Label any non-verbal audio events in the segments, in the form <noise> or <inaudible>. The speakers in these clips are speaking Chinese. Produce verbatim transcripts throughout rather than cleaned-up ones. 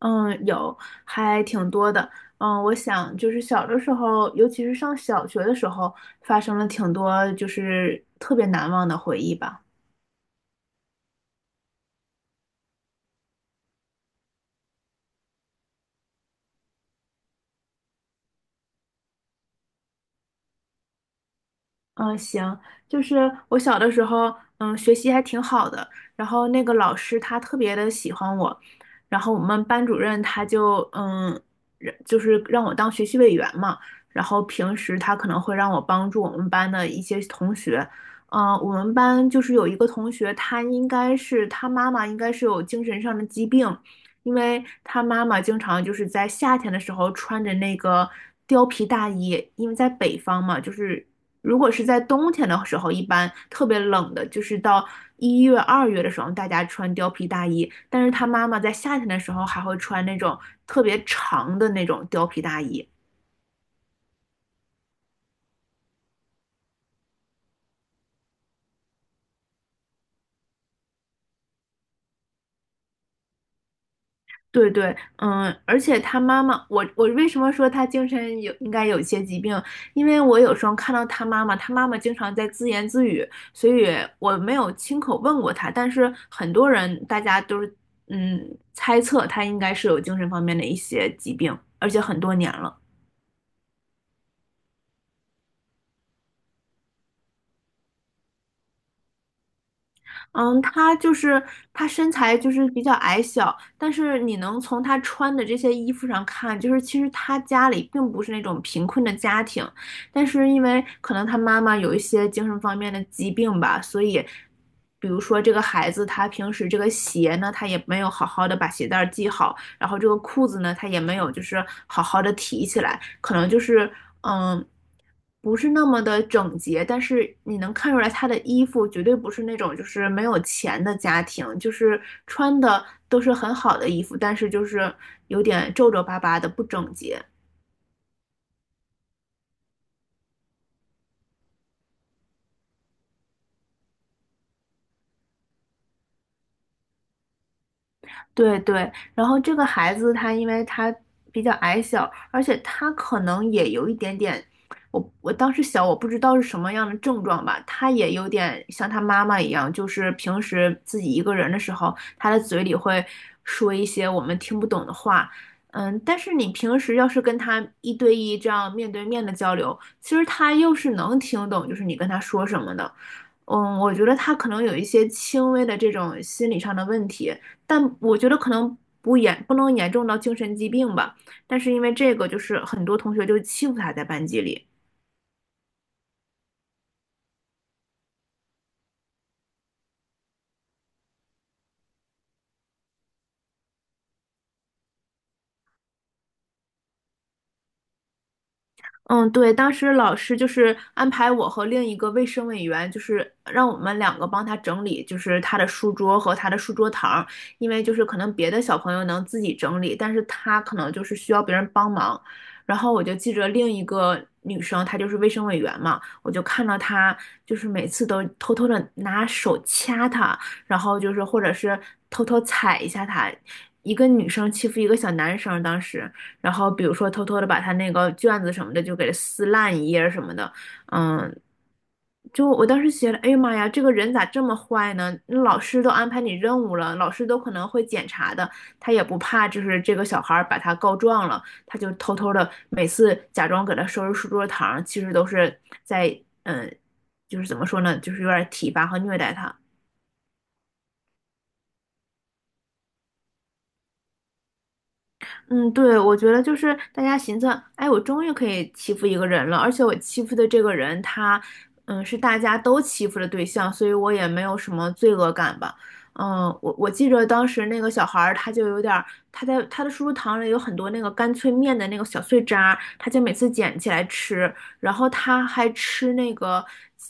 嗯，有，还挺多的。嗯，我想就是小的时候，尤其是上小学的时候，发生了挺多就是特别难忘的回忆吧。嗯，行，就是我小的时候，嗯，学习还挺好的，然后那个老师他特别的喜欢我，然后我们班主任他就，嗯，让就是让我当学习委员嘛，然后平时他可能会让我帮助我们班的一些同学。嗯，我们班就是有一个同学，他应该是他妈妈应该是有精神上的疾病，因为他妈妈经常就是在夏天的时候穿着那个貂皮大衣。因为在北方嘛，就是如果是在冬天的时候，一般特别冷的，就是到一月、二月的时候，大家穿貂皮大衣，但是他妈妈在夏天的时候还会穿那种特别长的那种貂皮大衣。对对，嗯，而且他妈妈，我我为什么说他精神有应该有一些疾病？因为我有时候看到他妈妈，他妈妈经常在自言自语，所以我没有亲口问过他，但是很多人大家都是嗯猜测他应该是有精神方面的一些疾病，而且很多年了。嗯，他就是他身材就是比较矮小，但是你能从他穿的这些衣服上看，就是其实他家里并不是那种贫困的家庭，但是因为可能他妈妈有一些精神方面的疾病吧，所以，比如说这个孩子他平时这个鞋呢，他也没有好好的把鞋带儿系好，然后这个裤子呢，它也没有就是好好的提起来，可能就是嗯，不是那么的整洁。但是你能看出来他的衣服绝对不是那种就是没有钱的家庭，就是穿的都是很好的衣服，但是就是有点皱皱巴巴的不整洁。对对，然后这个孩子他因为他比较矮小，而且他可能也有一点点，我我当时小，我不知道是什么样的症状吧，他也有点像他妈妈一样，就是平时自己一个人的时候，他的嘴里会说一些我们听不懂的话。嗯，但是你平时要是跟他一对一这样面对面的交流，其实他又是能听懂，就是你跟他说什么的。嗯，我觉得他可能有一些轻微的这种心理上的问题。但我觉得可能不严不能严重到精神疾病吧，但是因为这个就是很多同学就欺负他在班级里。嗯，对，当时老师就是安排我和另一个卫生委员，就是让我们两个帮他整理，就是他的书桌和他的书桌堂儿，因为就是可能别的小朋友能自己整理，但是他可能就是需要别人帮忙。然后我就记着另一个女生，她就是卫生委员嘛，我就看到她就是每次都偷偷的拿手掐他，然后就是或者是偷偷踩一下他，一个女生欺负一个小男生，当时。然后比如说偷偷的把他那个卷子什么的就给撕烂一页什么的。嗯，就我当时觉得，哎呀妈呀，这个人咋这么坏呢？那老师都安排你任务了，老师都可能会检查的，他也不怕就是这个小孩儿把他告状了，他就偷偷的每次假装给他收拾书桌堂，其实都是在嗯，就是怎么说呢，就是有点体罚和虐待他。嗯，对，我觉得就是大家寻思，哎，我终于可以欺负一个人了，而且我欺负的这个人他，嗯，是大家都欺负的对象，所以我也没有什么罪恶感吧。嗯，我我记得当时那个小孩儿，他就有点儿，他在他的叔叔堂里有很多那个干脆面的那个小碎渣儿他就每次捡起来吃，然后他还吃那个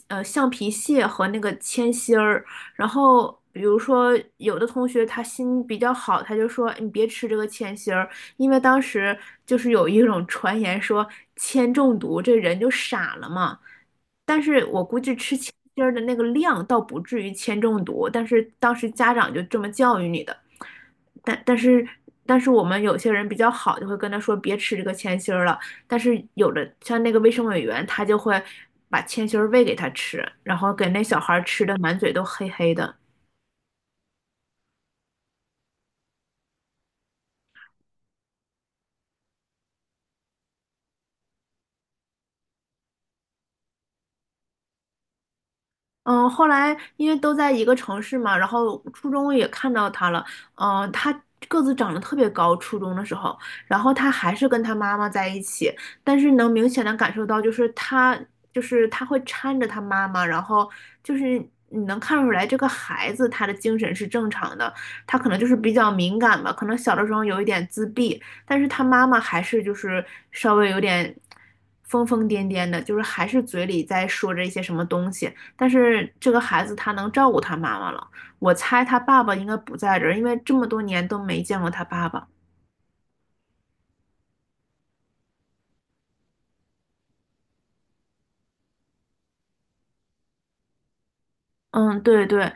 呃橡皮屑和那个铅芯儿。然后比如说有的同学他心比较好，他就说哎你别吃这个铅芯儿。因为当时就是有一种传言说铅中毒这人就傻了嘛，但是我估计吃铅芯儿的那个量倒不至于铅中毒，但是当时家长就这么教育你的，但但是但是我们有些人比较好，就会跟他说别吃这个铅芯儿了，但是有的像那个卫生委员他就会把铅芯儿喂给他吃，然后给那小孩儿吃的满嘴都黑黑的。嗯，后来因为都在一个城市嘛，然后初中也看到他了。嗯，他个子长得特别高，初中的时候，然后他还是跟他妈妈在一起。但是能明显的感受到，就是他就是他会搀着他妈妈，然后就是你能看出来这个孩子他的精神是正常的，他可能就是比较敏感吧，可能小的时候有一点自闭，但是他妈妈还是就是稍微有点疯疯癫癫的，就是还是嘴里在说着一些什么东西。但是这个孩子他能照顾他妈妈了，我猜他爸爸应该不在这儿，因为这么多年都没见过他爸爸。嗯，对对，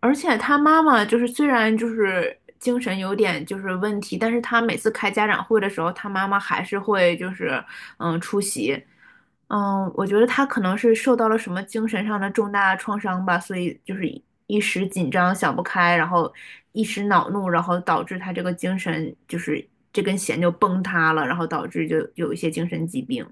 而且他妈妈就是虽然就是精神有点就是问题，但是他每次开家长会的时候，他妈妈还是会就是嗯出席。嗯，我觉得他可能是受到了什么精神上的重大创伤吧，所以就是一一时紧张想不开，然后一时恼怒，然后导致他这个精神就是这根弦就崩塌了，然后导致就有一些精神疾病。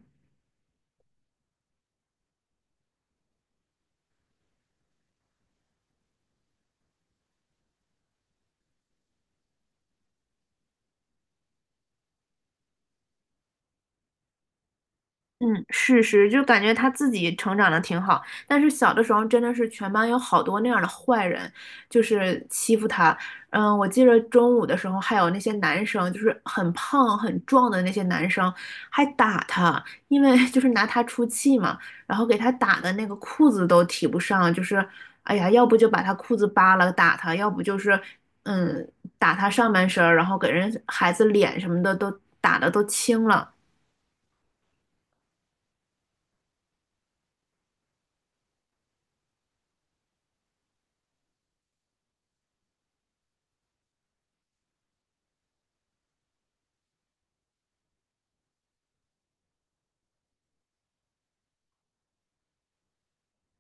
嗯，是是，就感觉他自己成长的挺好，但是小的时候真的是全班有好多那样的坏人，就是欺负他。嗯，我记得中午的时候还有那些男生，就是很胖很壮的那些男生，还打他，因为 <laughs> 就是拿他出气嘛，然后给他打的那个裤子都提不上，就是哎呀，要不就把他裤子扒了打他，要不就是嗯打他上半身儿，然后给人孩子脸什么的都打的都青了。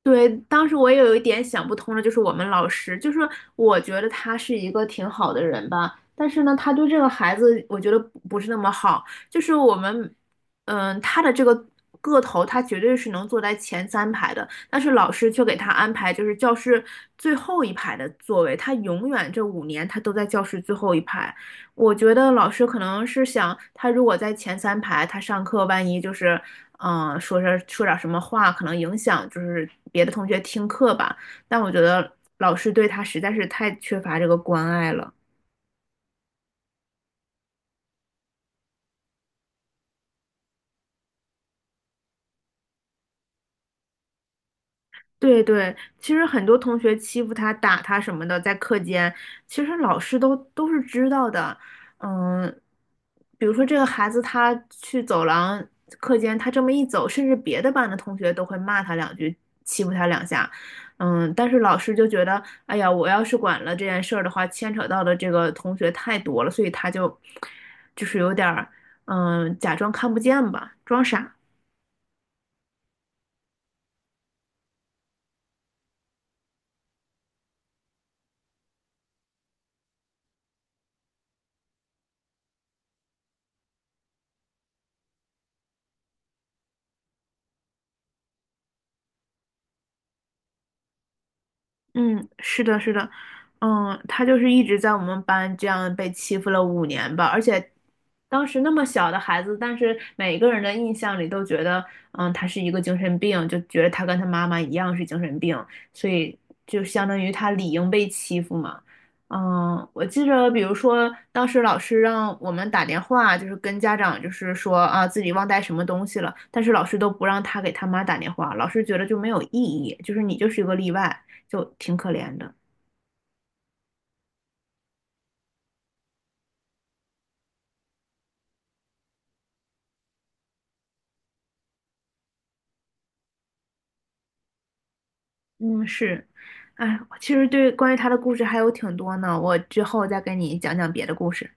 对，当时我也有一点想不通的，就是我们老师，就是我觉得他是一个挺好的人吧，但是呢，他对这个孩子，我觉得不不是那么好。就是我们，嗯，他的这个个头，他绝对是能坐在前三排的，但是老师却给他安排就是教室最后一排的座位，他永远这五年他都在教室最后一排。我觉得老师可能是想，他如果在前三排，他上课万一就是，嗯、说是说点什么话，可能影响就是别的同学听课吧。但我觉得老师对他实在是太缺乏这个关爱了。对对，其实很多同学欺负他、打他什么的，在课间，其实老师都都是知道的。嗯，比如说这个孩子他去走廊课间，他这么一走，甚至别的班的同学都会骂他两句，欺负他两下。嗯，但是老师就觉得，哎呀，我要是管了这件事儿的话，牵扯到的这个同学太多了，所以他就就是有点儿，嗯，假装看不见吧，装傻。嗯，是的，是的。嗯，他就是一直在我们班这样被欺负了五年吧，而且当时那么小的孩子，但是每个人的印象里都觉得，嗯，他是一个精神病，就觉得他跟他妈妈一样是精神病，所以就相当于他理应被欺负嘛。嗯，我记着，比如说当时老师让我们打电话，就是跟家长就是说啊自己忘带什么东西了，但是老师都不让他给他妈打电话，老师觉得就没有意义，就是你就是一个例外。就挺可怜的。嗯，是，哎，其实对关于他的故事还有挺多呢，我之后再跟你讲讲别的故事。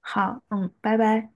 好，嗯，拜拜。